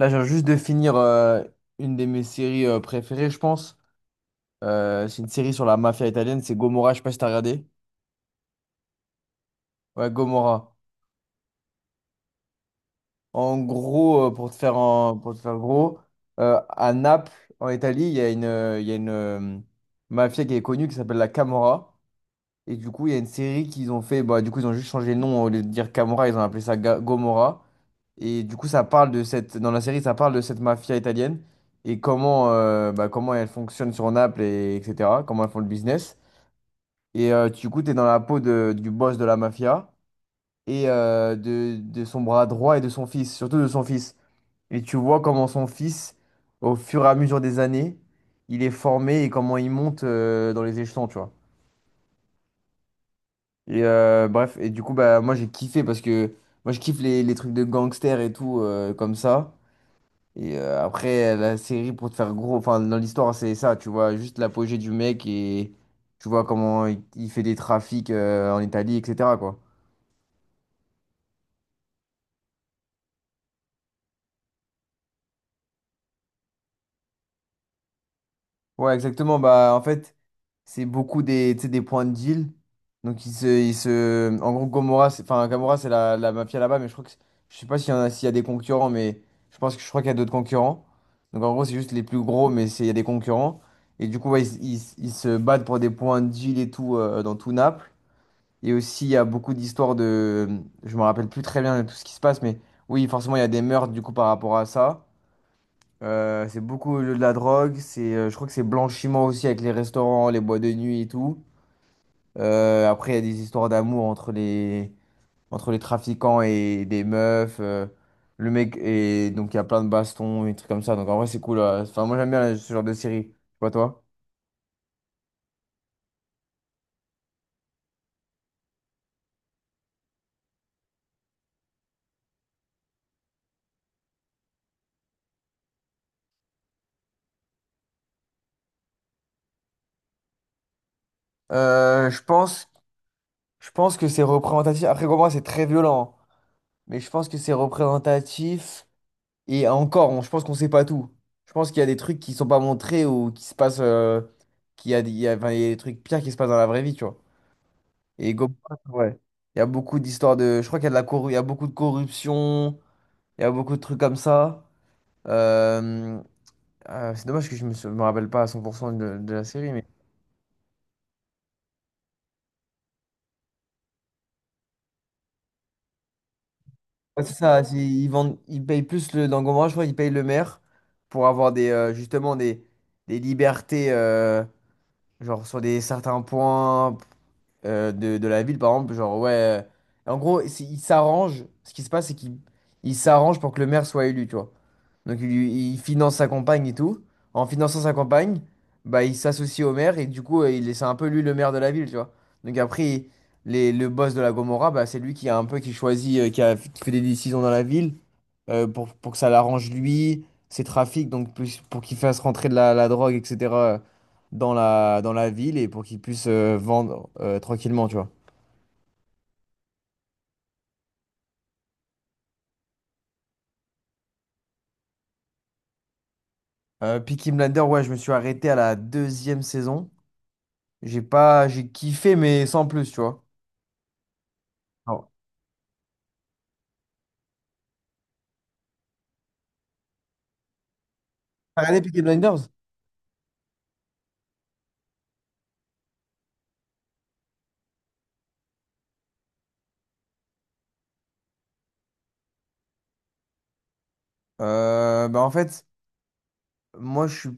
Là, j'ai juste de finir une de mes séries préférées, je pense. C'est une série sur la mafia italienne, c'est Gomorra, je sais pas si t'as regardé. Ouais, Gomorra. En gros, pour te faire gros, à Naples, en Italie, il y a une mafia qui est connue qui s'appelle la Camorra. Et du coup, il y a une série qu'ils ont fait, bah, du coup, ils ont juste changé le nom, au lieu de dire Camorra, ils ont appelé ça Gomorra. Et du coup, ça parle de cette, dans la série, ça parle de cette mafia italienne et comment, bah, comment elle fonctionne sur Naples, et, etc. Comment elles font le business. Et du coup, tu es dans la peau du boss de la mafia et de son bras droit et de son fils, surtout de son fils. Et tu vois comment son fils, au fur et à mesure des années, il est formé et comment il monte dans les échelons, tu vois. Et bref, et du coup, bah, moi j'ai kiffé parce que moi je kiffe les trucs de gangsters et tout comme ça. Et après, la série, pour te faire gros, enfin, dans l'histoire, c'est ça, tu vois, juste l'apogée du mec et tu vois il fait des trafics en Italie, etc., quoi. Ouais, exactement. Bah, en fait, c'est beaucoup des, tu sais, des points de deal. Donc, il se... En gros, Gomorrah, c'est... Enfin, Gomorrah, c'est la mafia là-bas, mais je crois que... Je sais pas s'il y en a, s'il y a des concurrents, mais je pense que je crois qu'il y a d'autres concurrents. Donc, en gros, c'est juste les plus gros, mais c'est, il y a des concurrents. Et du coup, ouais, ils se battent pour des points de deal et tout dans tout Naples. Et aussi, il y a beaucoup d'histoires de... Je me rappelle plus très bien de tout ce qui se passe, mais oui, forcément, il y a des meurtres du coup par rapport à ça. C'est beaucoup de la drogue, je crois que c'est blanchiment aussi avec les restaurants, les boîtes de nuit et tout. Après, il y a des histoires d'amour entre les trafiquants et des meufs. Le mec, et donc il y a plein de bastons et des trucs comme ça. Donc en vrai, c'est cool. Enfin, moi, j'aime bien ce genre de série. Je sais pas toi. Euh, je pense, je pense que c'est représentatif. Après, pour moi, c'est très violent, hein. Mais je pense que c'est représentatif. Et encore, je pense qu'on sait pas tout. Je pense qu'il y a des trucs qui sont pas montrés ou qui se passent, qu'il y a, des- il y a- enfin, il y a des trucs pires qui se passent dans la vraie vie, tu vois. Et Gobelins, ouais. Il y a beaucoup d'histoires de. Je crois qu'il y a il y a beaucoup de corruption. Il y a beaucoup de trucs comme ça. Euh, c'est dommage que je me rappelle pas à 100% de la série. Mais... Ouais, c'est ça. Ils vendent, ils payent plus le, dans Gomorrah, je crois ils payent le maire pour avoir des, justement des libertés. Genre sur des certains points de la ville, par exemple, genre ouais. En gros, il s'arrange. Ce qui se passe, c'est qu'il il s'arrange pour que le maire soit élu, tu vois. Donc il finance sa campagne et tout. En finançant sa campagne, bah il s'associe au maire et du coup, c'est un peu lui le maire de la ville, tu vois. Donc après, le boss de la Gomorrah, bah c'est lui qui choisit, qui fait des décisions dans la ville pour que ça l'arrange lui, ses trafics, pour qu'il fasse rentrer la drogue, etc. dans dans la ville et pour qu'il puisse vendre tranquillement, tu vois. Peaky Blinders, ouais, je me suis arrêté à la deuxième saison. J'ai kiffé, mais sans plus, tu vois. Alors, t'as regardé Peaky Blinders? Bah en fait, moi je suis,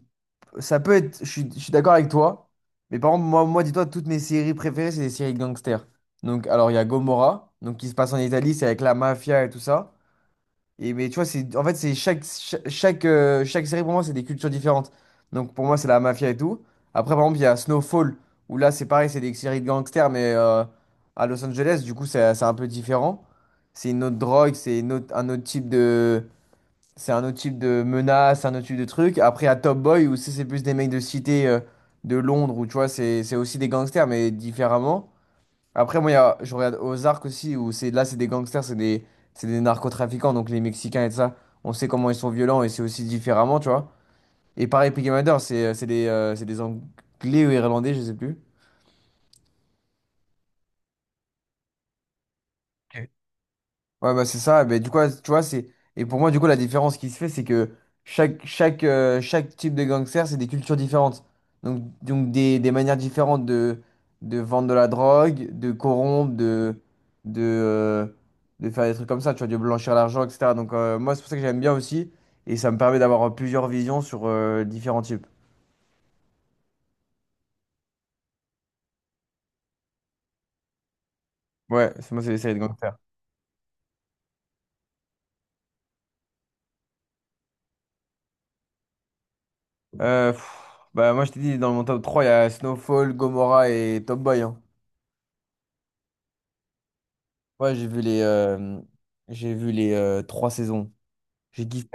ça peut être, je suis d'accord avec toi, mais par contre, moi dis-toi, toutes mes séries préférées, c'est des séries gangsters. Donc, alors il y a Gomorrah, donc qui se passe en Italie, c'est avec la mafia et tout ça. Et, mais tu vois, c'est, en fait, c'est chaque, cha- chaque, chaque série pour moi, c'est des cultures différentes. Donc pour moi, c'est la mafia et tout. Après, par exemple, il y a Snowfall, où là, c'est pareil, c'est des séries de gangsters, mais à Los Angeles, du coup, c'est un peu différent. C'est une autre drogue, un autre type c'est un autre type de menace, un autre type de truc. Après, à Top Boy, où c'est plus des mecs de cité de Londres, où tu vois, c'est aussi des gangsters, mais différemment. Après, moi, il y a- je regarde Ozark aussi, où c'est là, c'est des gangsters, c'est des narcotrafiquants, donc les Mexicains et tout ça, on sait comment ils sont violents et c'est aussi différemment, tu vois. Et pareil, Peaky Blinders, c'est des Anglais ou Irlandais, je sais plus. Ok. Ouais, bah c'est ça. Mais du coup, ouais, tu vois, c'est. Et pour moi, du coup, la différence qui se fait, c'est que chaque type de gangster, c'est des cultures différentes. Donc des manières différentes de vendre de la drogue, de corrompre, de, euh, de faire des trucs comme ça, tu vois, de blanchir l'argent, etc. Donc, moi, c'est pour ça que j'aime bien aussi. Et ça me permet d'avoir plusieurs visions sur différents types. Ouais, c'est les séries de gangsters. Euh, pff, Bah, moi, je t'ai dit, dans mon top 3 il y a Snowfall, Gomorrah et Top Boy, hein. Ouais, j'ai vu les trois saisons. J'ai kiffé.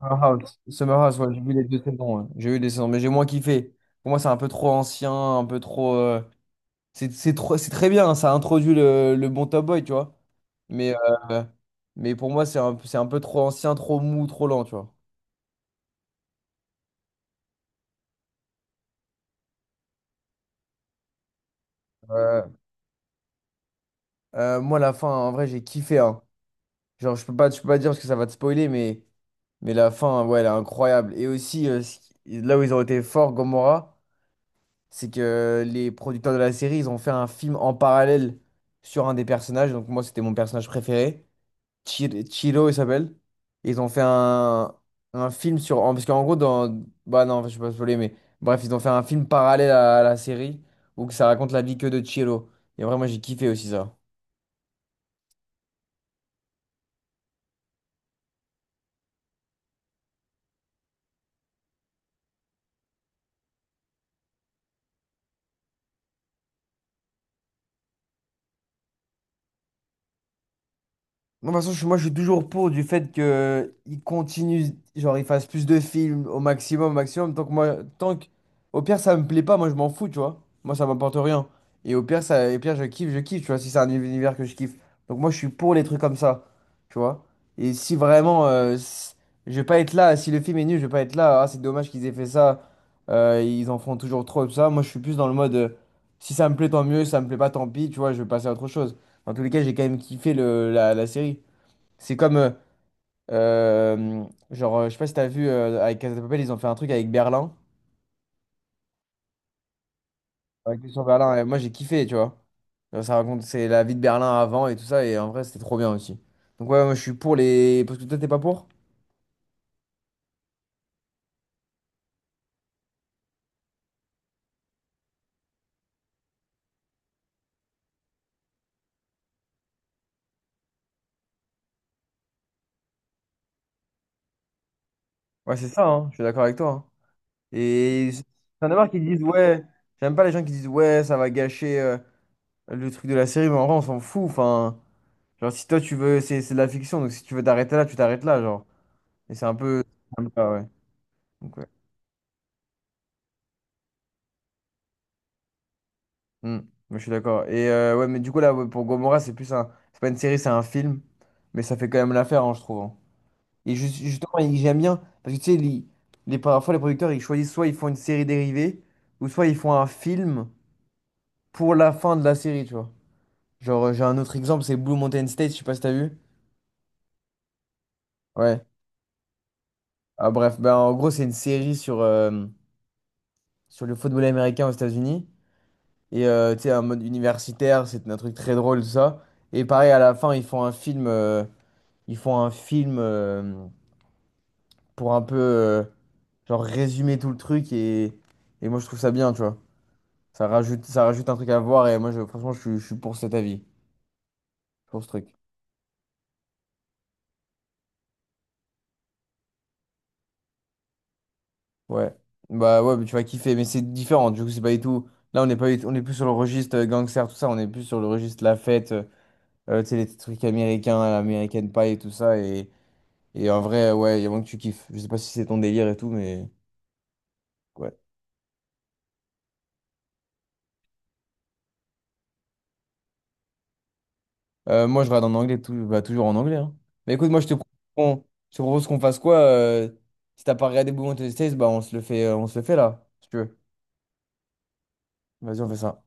Summer House, ouais, j'ai vu les deux saisons, ouais. J'ai vu les saisons, mais j'ai moins kiffé. Pour moi, c'est un peu trop ancien, un peu trop. C'est c'est trop, c'est très bien, hein, ça introduit le bon Top Boy, tu vois. Mais, euh, mais pour moi, c'est un peu trop ancien, trop mou, trop lent, tu vois. Euh, Moi, la fin, en vrai, j'ai kiffé, hein. Genre, je peux pas dire parce que ça va te spoiler, mais la fin, ouais, elle est incroyable. Et aussi, ce là où ils ont été forts, Gomorrah. C'est que les producteurs de la série, ils ont fait un film en parallèle sur un des personnages. Donc moi, c'était mon personnage préféré. Chiro, il s'appelle. Ils ont fait un film sur... Parce qu'en gros, dans... Bah non, je sais pas spoiler, mais... Bref, ils ont fait un film parallèle à la série où que ça raconte la vie que de Chiro. Et vraiment, j'ai kiffé aussi ça. Moi, de toute façon, je suis toujours pour du fait que il continue, genre, il fasse plus de films au maximum, au maximum. Tant que moi, tant que, Au pire, ça me plaît pas, moi, je m'en fous, tu vois. Moi, ça m'apporte rien. Et au pire, et pire, je kiffe, tu vois, si c'est un univers que je kiffe. Donc, moi, je suis pour les trucs comme ça, tu vois. Et si vraiment, je vais pas être là, si le film est nul, je vais pas être là. Ah, c'est dommage qu'ils aient fait ça. Ils en font toujours trop, et tout ça. Moi, je suis plus dans le mode, si ça me plaît, tant mieux, si ça me plaît pas, tant pis, tu vois, je vais passer à autre chose. En tous les cas, j'ai quand même kiffé la série. C'est comme, euh, je sais pas si t'as vu, avec Casa de Papel, ils ont fait un truc avec Berlin. Avec sur Berlin, et moi j'ai kiffé, tu vois. Genre, c'est la vie de Berlin avant et tout ça, et en vrai, c'était trop bien aussi. Donc ouais, moi je suis pour les... Parce que toi, t'es pas pour? Ouais, c'est ça, hein, je suis d'accord avec toi, hein. Et j'en ai marre qui disent, ouais, j'aime pas les gens qui disent, ouais, ça va gâcher le truc de la série, mais en vrai, on s'en fout, enfin... Genre, si toi, tu veux... C'est de la fiction, donc si tu veux t'arrêter là, tu t'arrêtes là, genre. Et c'est un peu. C'est un peu ça, ouais. Donc, ouais. Hmm. Moi, je suis d'accord. Et ouais, mais du coup, là, ouais, pour Gomorrah, c'est plus un. C'est pas une série, c'est un film. Mais ça fait quand même l'affaire, hein, je trouve, hein. Et justement, j'aime bien. Parce que tu sais, parfois, les producteurs, ils choisissent soit ils font une série dérivée, ou soit ils font un film pour la fin de la série, tu vois. Genre, j'ai un autre exemple, c'est Blue Mountain State, je sais pas si t'as vu. Ouais. Ah, bref, ben, en gros, c'est une série sur, sur le football américain aux États-Unis. Et tu sais, un mode universitaire, c'est un truc très drôle, tout ça. Et pareil, à la fin, ils font un film pour un peu, euh, genre, résumer tout le truc. Et moi, je trouve ça bien, tu vois. Ça rajoute un truc à voir. Et moi, franchement, je suis pour cet avis, pour ce truc. Ouais. Bah ouais, mais tu vas kiffer. Mais c'est différent. Du coup, c'est pas du tout. Là, on n'est pas, du- on est plus sur le registre gangster, tout ça. On est plus sur le registre la fête, tu sais, les trucs américains, l'American Pie et tout ça. Et. Et en vrai, ouais, il y a moins que tu kiffes. Je sais pas si c'est ton délire et tout, mais ouais. Moi, je regarde en anglais, tout, bah, toujours en anglais, hein. Mais écoute, moi, je te propose qu'on fasse quoi? Si t'as pas regardé Bouillon Testés, bah, on se le fait, on se le fait là, si tu veux. Vas-y, on fait ça.